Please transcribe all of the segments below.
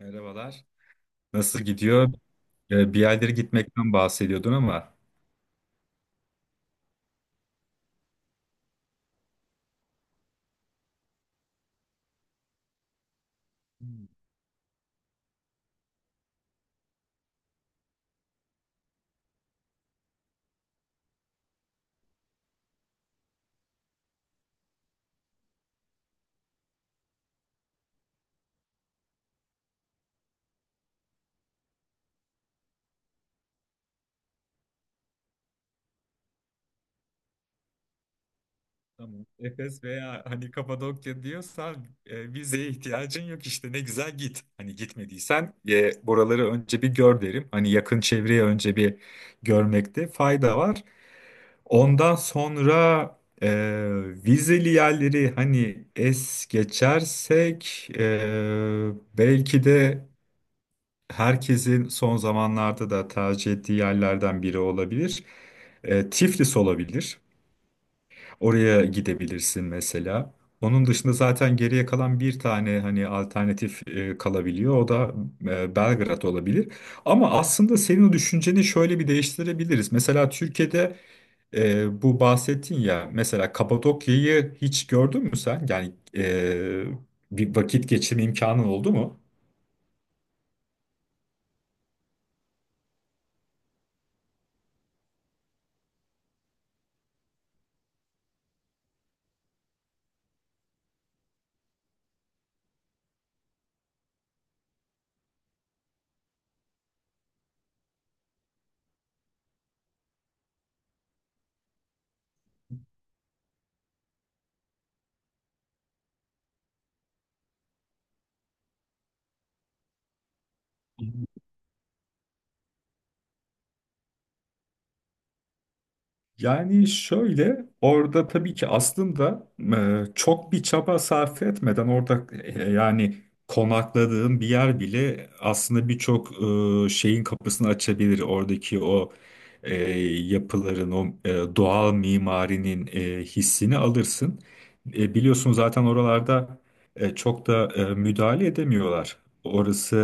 Merhabalar. Nasıl gidiyor? Bir yerlere gitmekten bahsediyordun ama Hmm. Tamam. Efes veya hani Kapadokya diyorsan vizeye ihtiyacın yok işte ne güzel git. Hani gitmediysen buraları önce bir gör derim. Hani yakın çevreyi önce bir görmekte fayda var. Ondan sonra e, vizeli yerleri hani es geçersek belki de herkesin son zamanlarda da tercih ettiği yerlerden biri olabilir. Tiflis olabilir. Oraya gidebilirsin mesela. Onun dışında zaten geriye kalan bir tane hani alternatif kalabiliyor. O da Belgrad olabilir. Ama aslında senin o düşünceni şöyle bir değiştirebiliriz. Mesela Türkiye'de bu bahsettin ya mesela Kapadokya'yı hiç gördün mü sen? Yani bir vakit geçirme imkanın oldu mu? Yani şöyle orada tabii ki aslında çok bir çaba sarf etmeden orada yani konakladığın bir yer bile aslında birçok şeyin kapısını açabilir. Oradaki o e, yapıların, o doğal mimarinin hissini alırsın. E, biliyorsun zaten oralarda çok da müdahale edemiyorlar. Orası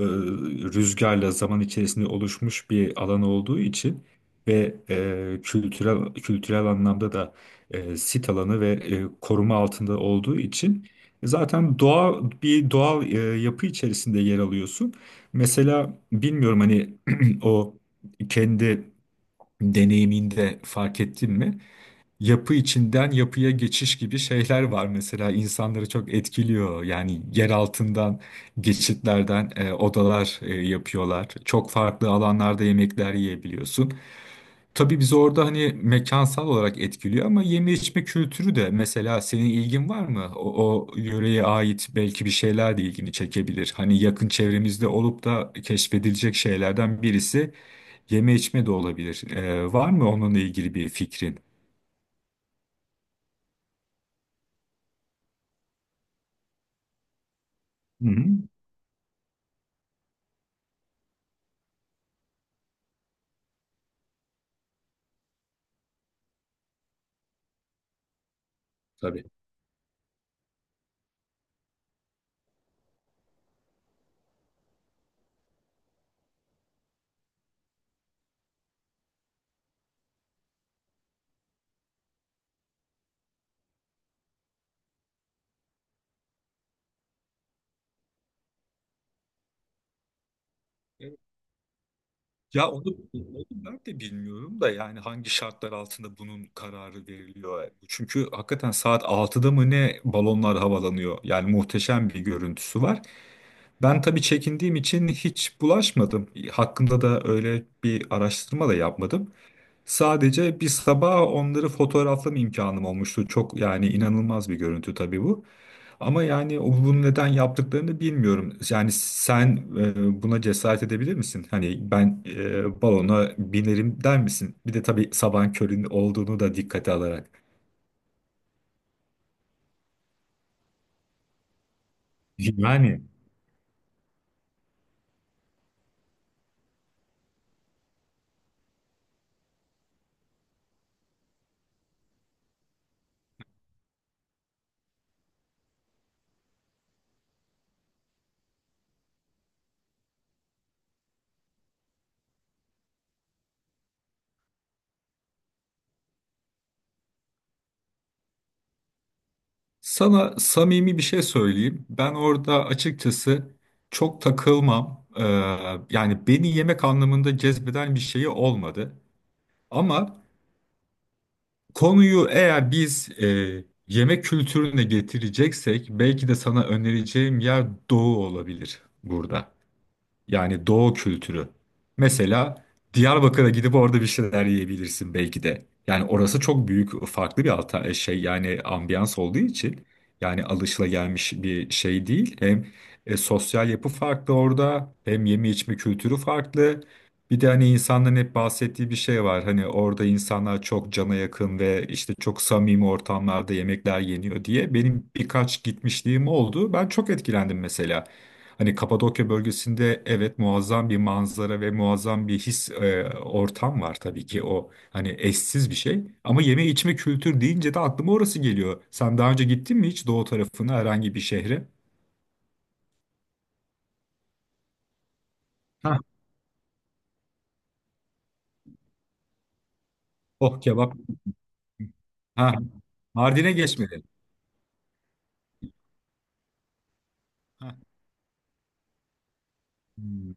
e, rüzgarla zaman içerisinde oluşmuş bir alan olduğu için ve kültürel anlamda da sit alanı ve koruma altında olduğu için zaten doğal bir yapı içerisinde yer alıyorsun. Mesela bilmiyorum hani o kendi deneyiminde fark ettin mi? Yapı içinden yapıya geçiş gibi şeyler var mesela insanları çok etkiliyor. Yani yer altından geçitlerden odalar yapıyorlar. Çok farklı alanlarda yemekler yiyebiliyorsun. Tabii bizi orada hani mekansal olarak etkiliyor ama yeme içme kültürü de mesela senin ilgin var mı? O yöreye ait belki bir şeyler de ilgini çekebilir. Hani yakın çevremizde olup da keşfedilecek şeylerden birisi yeme içme de olabilir. E, var mı onunla ilgili bir fikrin? Hı hı. Tabii. Ya onu, Onu ben de bilmiyorum da yani hangi şartlar altında bunun kararı veriliyor. Çünkü hakikaten saat altıda mı ne balonlar havalanıyor. Yani muhteşem bir görüntüsü var. Ben tabii çekindiğim için hiç bulaşmadım. Hakkında da öyle bir araştırma da yapmadım. Sadece bir sabah onları fotoğraflama imkanım olmuştu. Çok yani inanılmaz bir görüntü tabii bu. Ama yani bunu neden yaptıklarını bilmiyorum. Yani sen buna cesaret edebilir misin? Hani ben balona binerim der misin? Bir de tabii sabahın körün olduğunu da dikkate alarak. Yani sana samimi bir şey söyleyeyim. Ben orada açıkçası çok takılmam. Yani beni yemek anlamında cezbeden bir şeyi olmadı. Ama konuyu eğer biz yemek kültürüne getireceksek belki de sana önereceğim yer doğu olabilir burada. Yani doğu kültürü. Mesela Diyarbakır'a gidip orada bir şeyler yiyebilirsin belki de. Yani orası çok büyük farklı bir alta şey yani ambiyans olduğu için yani alışılagelmiş bir şey değil. Hem sosyal yapı farklı orada hem yeme içme kültürü farklı. Bir de hani insanların hep bahsettiği bir şey var. Hani orada insanlar çok cana yakın ve işte çok samimi ortamlarda yemekler yeniyor diye. Benim birkaç gitmişliğim oldu. Ben çok etkilendim mesela. Hani Kapadokya bölgesinde evet muazzam bir manzara ve muazzam bir his ortam var tabii ki o hani eşsiz bir şey. Ama yeme içme kültür deyince de aklıma orası geliyor. Sen daha önce gittin mi hiç doğu tarafına herhangi bir şehre? Ha. Oh kebap. Ha, Mardin'e geçmedin. Ha. Hmm.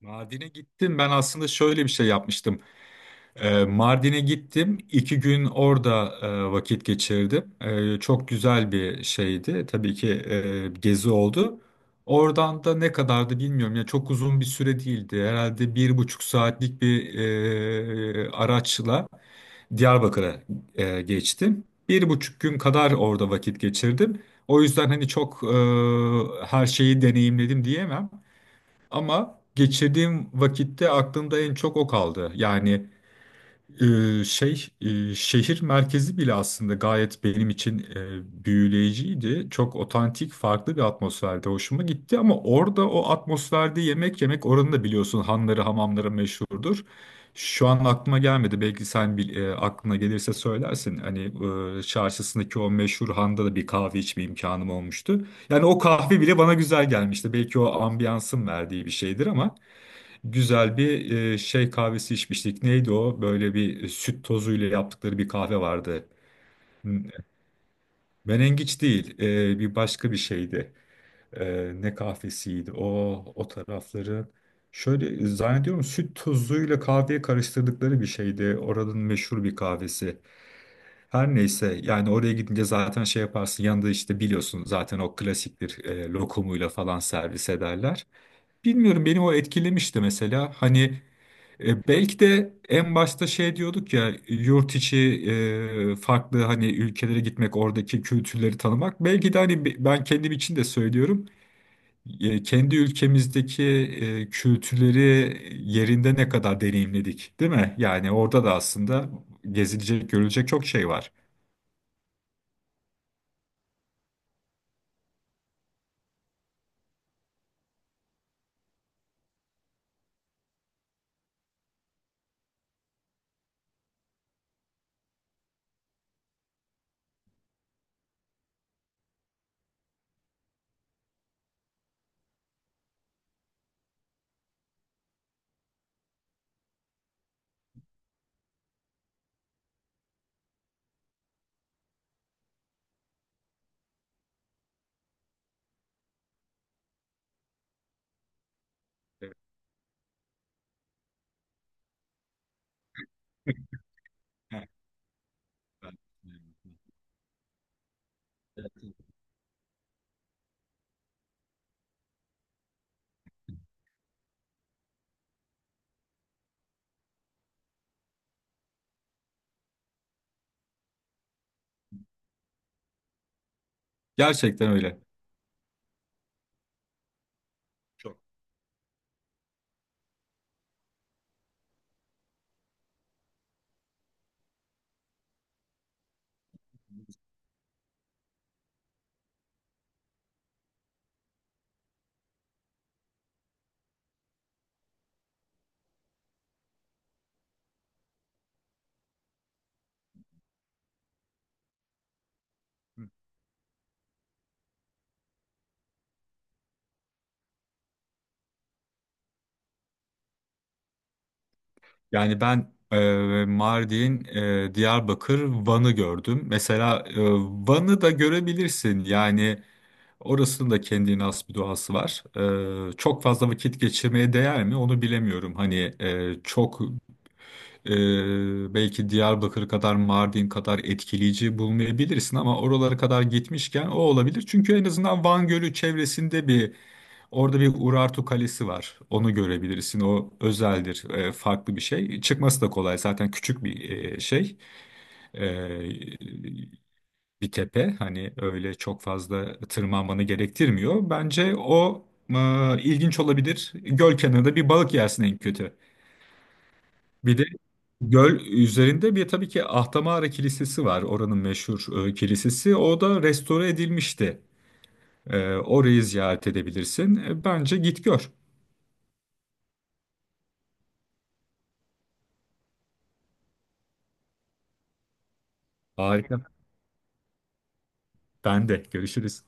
Mardin'e gittim. Ben aslında şöyle bir şey yapmıştım. Mardin'e gittim. İki gün orada vakit geçirdim. E, çok güzel bir şeydi. Tabii ki gezi oldu. Oradan da ne kadardı bilmiyorum. Ya çok uzun bir süre değildi. Herhalde bir buçuk saatlik bir araçla Diyarbakır'a geçtim. Bir buçuk gün kadar orada vakit geçirdim. O yüzden hani çok her şeyi deneyimledim diyemem. Ama geçirdiğim vakitte aklımda en çok o kaldı. Yani. Şehir merkezi bile aslında gayet benim için büyüleyiciydi. Çok otantik, farklı bir atmosferde hoşuma gitti ama orada o atmosferde yemek yemek oranın da biliyorsun hanları, hamamları meşhurdur. Şu an aklıma gelmedi. Belki sen aklına gelirse söylersin. Hani çarşısındaki o meşhur handa da bir kahve içme imkanım olmuştu. Yani o kahve bile bana güzel gelmişti. Belki o ambiyansın verdiği bir şeydir ama güzel bir şey kahvesi içmiştik. Neydi o? Böyle bir süt tozuyla yaptıkları bir kahve vardı. M- Menengiç değil, bir başka bir şeydi. E, ne kahvesiydi? O tarafları. Şöyle zannediyorum süt tozuyla kahveye karıştırdıkları bir şeydi. Oranın meşhur bir kahvesi. Her neyse yani oraya gidince zaten şey yaparsın yanında işte biliyorsun zaten o klasiktir lokumuyla falan servis ederler. Bilmiyorum beni o etkilemişti mesela hani belki de en başta şey diyorduk ya yurt içi farklı hani ülkelere gitmek oradaki kültürleri tanımak. Belki de hani ben kendim için de söylüyorum kendi ülkemizdeki kültürleri yerinde ne kadar deneyimledik değil mi? Yani orada da aslında gezilecek görülecek çok şey var. Evet. Evet. Gerçekten öyle. Çok. Yani ben Mardin, Diyarbakır, Van'ı gördüm. Mesela Van'ı da görebilirsin. Yani orasının da kendine has bir doğası var. E, çok fazla vakit geçirmeye değer mi? Onu bilemiyorum. Hani çok belki Diyarbakır kadar, Mardin kadar etkileyici bulmayabilirsin ama oralara kadar gitmişken o olabilir. Çünkü en azından Van Gölü çevresinde bir orada bir Urartu Kalesi var. Onu görebilirsin. O özeldir. E, farklı bir şey. Çıkması da kolay. Zaten küçük bir şey. E, bir tepe. Hani öyle çok fazla tırmanmanı gerektirmiyor. Bence o ilginç olabilir. Göl kenarında bir balık yersin en kötü. Bir de göl üzerinde bir tabii ki Ahtamara Kilisesi var. Oranın meşhur kilisesi. O da restore edilmişti. E, orayı ziyaret edebilirsin. E, bence git gör. Harika. Ben de. Görüşürüz.